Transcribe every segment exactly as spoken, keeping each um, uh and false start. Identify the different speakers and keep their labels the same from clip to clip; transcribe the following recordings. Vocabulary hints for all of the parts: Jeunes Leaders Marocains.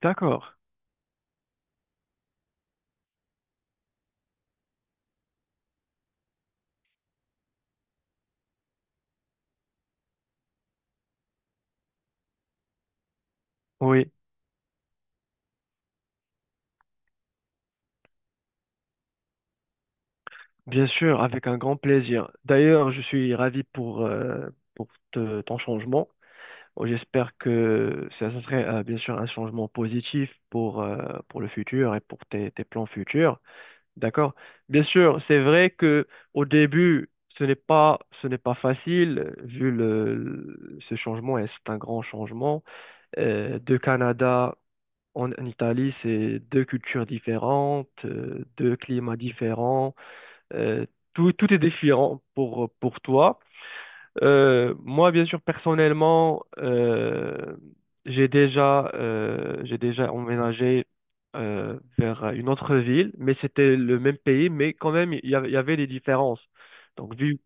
Speaker 1: D'accord, oui, bien sûr, avec un grand plaisir. D'ailleurs, je suis ravi pour, euh, pour te- ton changement. Oh, j'espère que ça, ça serait euh, bien sûr un changement positif pour, euh, pour le futur et pour tes, tes plans futurs. D'accord? Bien sûr, c'est vrai que au début, ce n'est pas, ce n'est pas facile, vu le, le- ce changement, et c'est un grand changement. Euh, de Canada en, en Italie, c'est deux cultures différentes, euh, deux climats différents. Euh, tout, tout est différent pour, pour toi. Euh, moi, bien sûr, personnellement, euh, j'ai déjà, euh, j'ai déjà emménagé euh, vers une autre ville, mais c'était le même pays, mais quand même, il y, a- il y avait des différences. Donc, vu,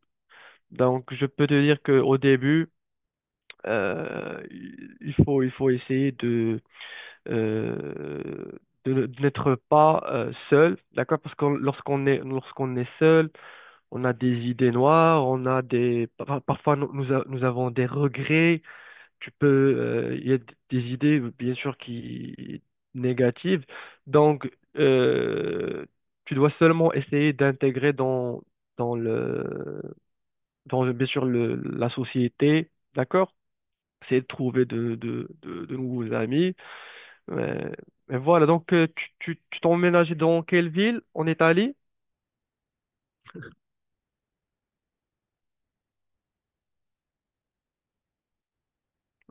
Speaker 1: donc, je peux te dire qu'au début, euh, il faut, il faut essayer de, euh, de, ne- de n'être pas euh, seul, d'accord? Parce que lorsqu'on est, lorsqu'on est seul, on a des idées noires, on a des pa- parfois nous, nous a- nous avons des regrets. Tu peux, euh, il y a des idées bien sûr qui négatives. Donc euh, tu dois seulement essayer d'intégrer dans dans le dans le- bien sûr le, la société, d'accord? Essayer de trouver de de, de, de nouveaux amis. Mais, mais voilà. Donc euh, tu tu tu t'es emménagé dans quelle ville en Italie?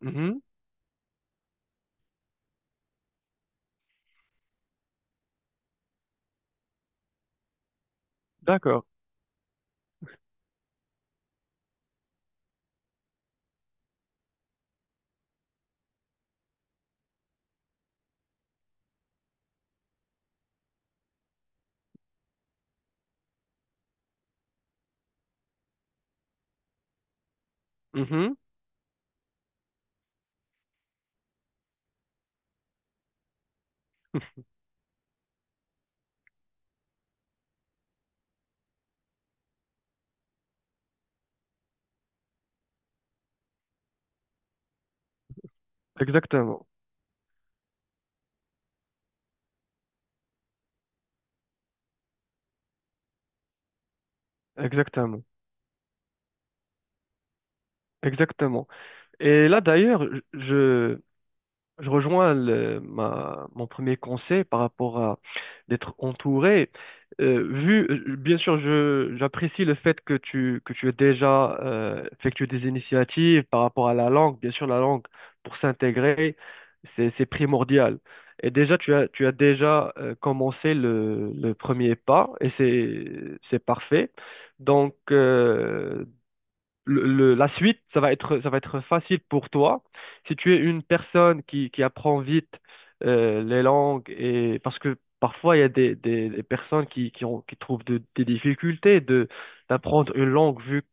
Speaker 1: Mhm. D'accord. Mhm. Exactement. Exactement. Exactement. Et là, d'ailleurs, je, je rejoins le- ma, mon premier conseil par rapport à d'être entouré. Euh, vu, euh, bien sûr, je, j'apprécie le fait que tu, que tu aies déjà euh, effectué des initiatives par rapport à la langue. Bien sûr, la langue, pour s'intégrer, c'est, c'est primordial. Et déjà, tu as, tu as déjà euh, commencé le, le premier pas et c'est, c'est parfait. Donc, euh, le- le- la suite, ça va être, ça va être facile pour toi. Si tu es une personne qui, qui apprend vite euh, les langues, et parce que parfois il y a des, des, des personnes qui, qui ont, qui trouvent de- des difficultés de, d'apprendre une langue vu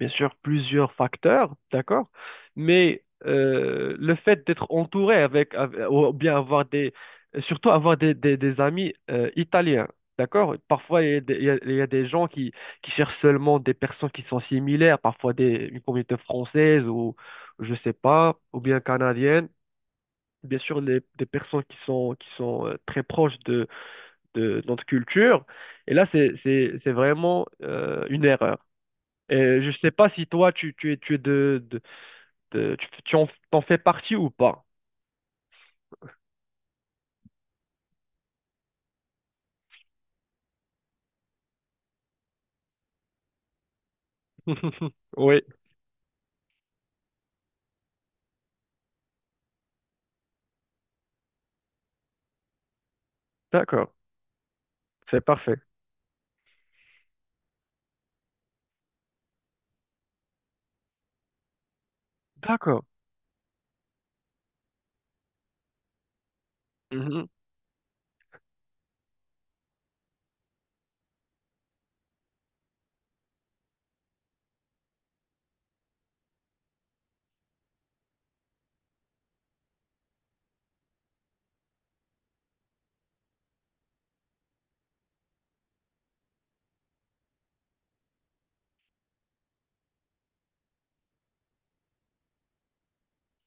Speaker 1: bien sûr plusieurs facteurs, d'accord? Mais euh, le fait d'être entouré avec, avec- ou bien avoir des, surtout avoir des, des, des amis euh, italiens, d'accord? Parfois, il y a des, il y a- il y a des gens qui, qui cherchent seulement des personnes qui sont similaires, parfois des, une communauté française ou je sais pas, ou bien canadienne. Bien sûr, les, des personnes qui sont, qui sont euh, très proches de, de notre culture. Et là, c'est, c'est, c'est vraiment euh, une erreur. Et je sais pas si toi, tu, tu es, tu es de, de- de- tu, tu en, t'en fais partie ou pas. Oui, d'accord, c'est parfait. D'accord. Mhm.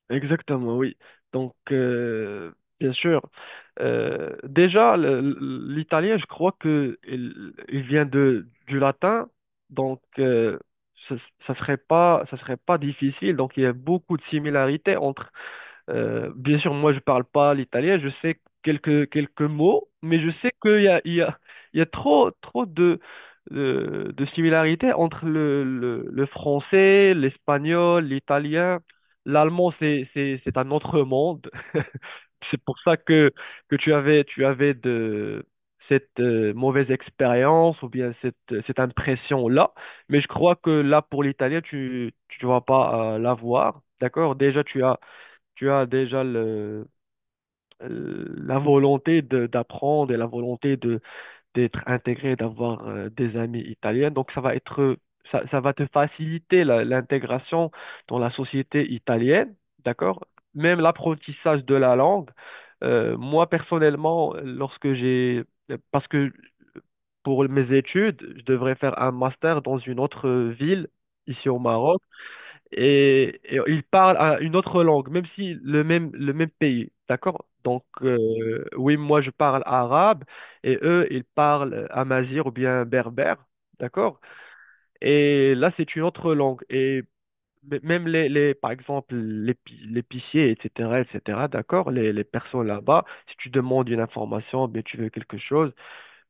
Speaker 1: Exactement, oui. Donc, euh, bien sûr, euh, déjà, le- le- l'italien, je crois que il, il vient de, du latin, donc euh, ça, ça serait pas, ça serait pas difficile. Donc, il y a beaucoup de similarités entre euh, bien sûr, moi, je parle pas l'italien, je sais quelques, quelques mots, mais je sais qu'il y a, il y a, il y a trop, trop de, de, de similarités entre le, le, le français, l'espagnol, l'italien. L'allemand, c'est, c'est, c'est un autre monde. C'est pour ça que, que tu avais, tu avais de, cette euh, mauvaise expérience ou bien cette, cette impression-là. Mais je crois que là, pour l'italien, tu, tu vas pas euh, l'avoir. D'accord? Déjà, tu as tu as déjà le, euh, la volonté de- d'apprendre et la volonté de d'être intégré, d'avoir euh, des amis italiens. Donc ça va être ça, ça va te faciliter la- l'intégration dans la société italienne, d'accord? Même l'apprentissage de la langue. Euh, moi personnellement, lorsque j'ai parce que pour mes études, je devrais faire un master dans une autre ville ici au Maroc et, et ils parlent à une autre langue, même si le même, le même pays, d'accord? Donc, euh, oui, moi, je parle arabe et eux, ils parlent amazigh ou bien berbère, d'accord? Et là, c'est une autre langue. Et m- même les, les par exemple, l'épi- l'épicier, et cætera, et cætera, d'accord? Les, les personnes là-bas, si tu demandes une information, bien, tu veux quelque chose,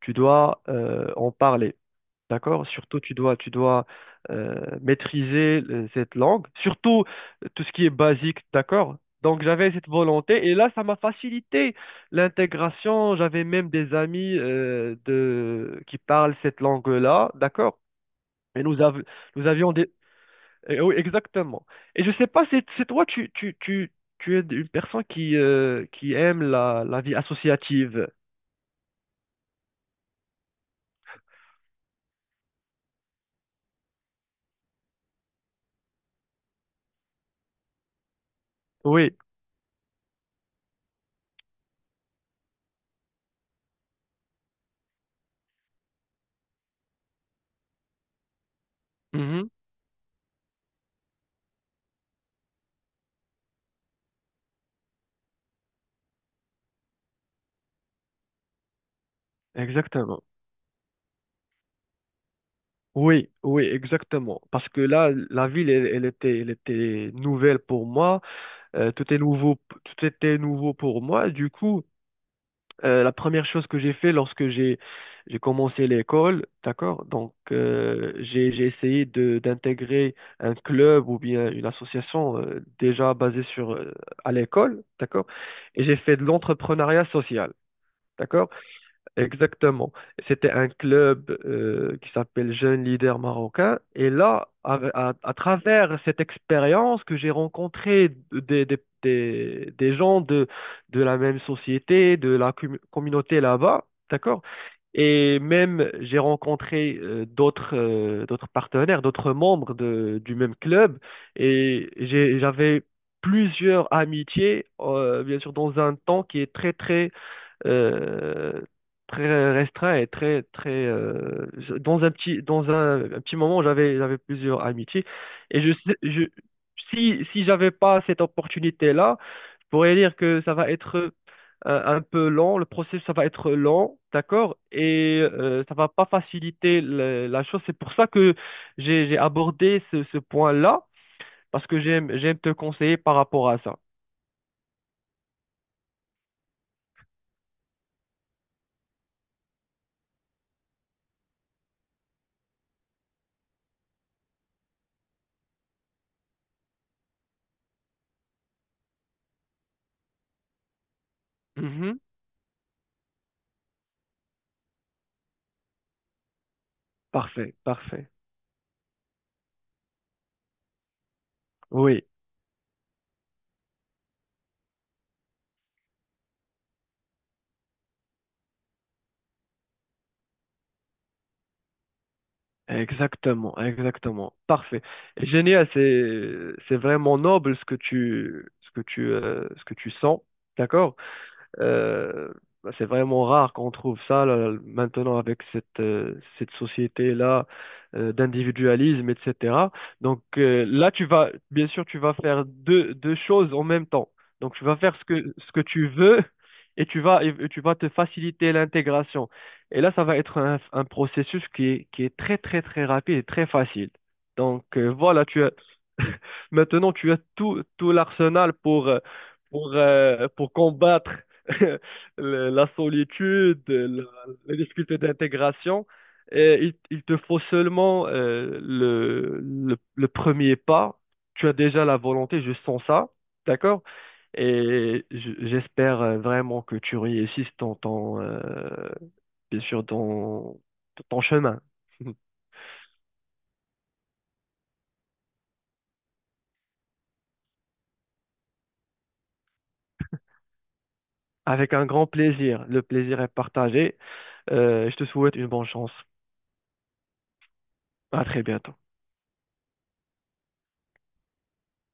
Speaker 1: tu dois euh, en parler. D'accord? Surtout, tu dois, tu dois euh, maîtriser euh, cette langue, surtout euh, tout ce qui est basique, d'accord? Donc, j'avais cette volonté et là, ça m'a facilité l'intégration. J'avais même des amis euh, de... qui parlent cette langue-là, d'accord? Et nous, av- nous avions des... eh oui, exactement. Et je sais pas, c'est c'est toi, tu, tu, tu, tu es une personne qui, euh, qui aime la, la vie associative. Oui, mhm. Exactement. Oui, oui, exactement. Parce que là, la ville, elle, elle était, elle était nouvelle pour moi. Euh, tout est nouveau, tout était nouveau pour moi. Du coup, euh, la première chose que j'ai fait lorsque j'ai, j'ai commencé l'école, d'accord? Donc, euh, j'ai, j'ai essayé de, d'intégrer un club ou bien une association euh, déjà basée sur, euh, à l'école, d'accord? Et j'ai fait de l'entrepreneuriat social, d'accord? Exactement. C'était un club euh, qui s'appelle Jeunes Leaders Marocains. Et là, à, à- à travers cette expérience que j'ai rencontré des, des, des, des gens de, de la même société, de la com- communauté là-bas, d'accord? Et même, j'ai rencontré euh, d'autres euh, d'autres partenaires, d'autres membres de, du même club. Et j'ai- j'avais plusieurs amitiés, euh, bien sûr, dans un temps qui est très, très euh, très restreint et très très euh, je- dans un petit dans un, un petit moment j'avais j'avais plusieurs amitiés et je sais- je si si j'avais pas cette opportunité-là, je pourrais dire que ça va être euh, un peu lent, le processus ça va être lent, d'accord? Et euh, ça va pas faciliter le- la chose. C'est pour ça que j'ai j'ai abordé ce, ce point-là parce que j'aime j'aime te conseiller par rapport à ça. Mhm. Parfait, parfait. Oui. Exactement, exactement. Parfait. Génial, c'est c'est vraiment noble ce que tu ce que tu euh, ce que tu sens, d'accord? Euh, bah, c'est vraiment rare qu'on trouve ça là, maintenant avec cette, euh, cette société-là euh, d'individualisme, et cætera. Donc euh, là, tu vas, bien sûr, tu vas faire deux, deux choses en même temps. Donc tu vas faire ce que, ce que tu veux et tu vas, et tu vas te faciliter l'intégration. Et là, ça va être un, un processus qui est, qui est très, très, très rapide et très facile. Donc euh, voilà, tu maintenant, tu as tout, tout l'arsenal pour, euh, pour, euh, pour combattre le- la solitude, la- les difficultés d'intégration. Et il, il te faut seulement euh, le, le, le premier pas. Tu as déjà la volonté, je sens ça, d'accord? Et j- j'espère euh, vraiment que tu réussisses dans ton, euh, bien sûr, dans ton chemin. Avec un grand plaisir. Le plaisir est partagé. Euh, je te souhaite une bonne chance. À très bientôt.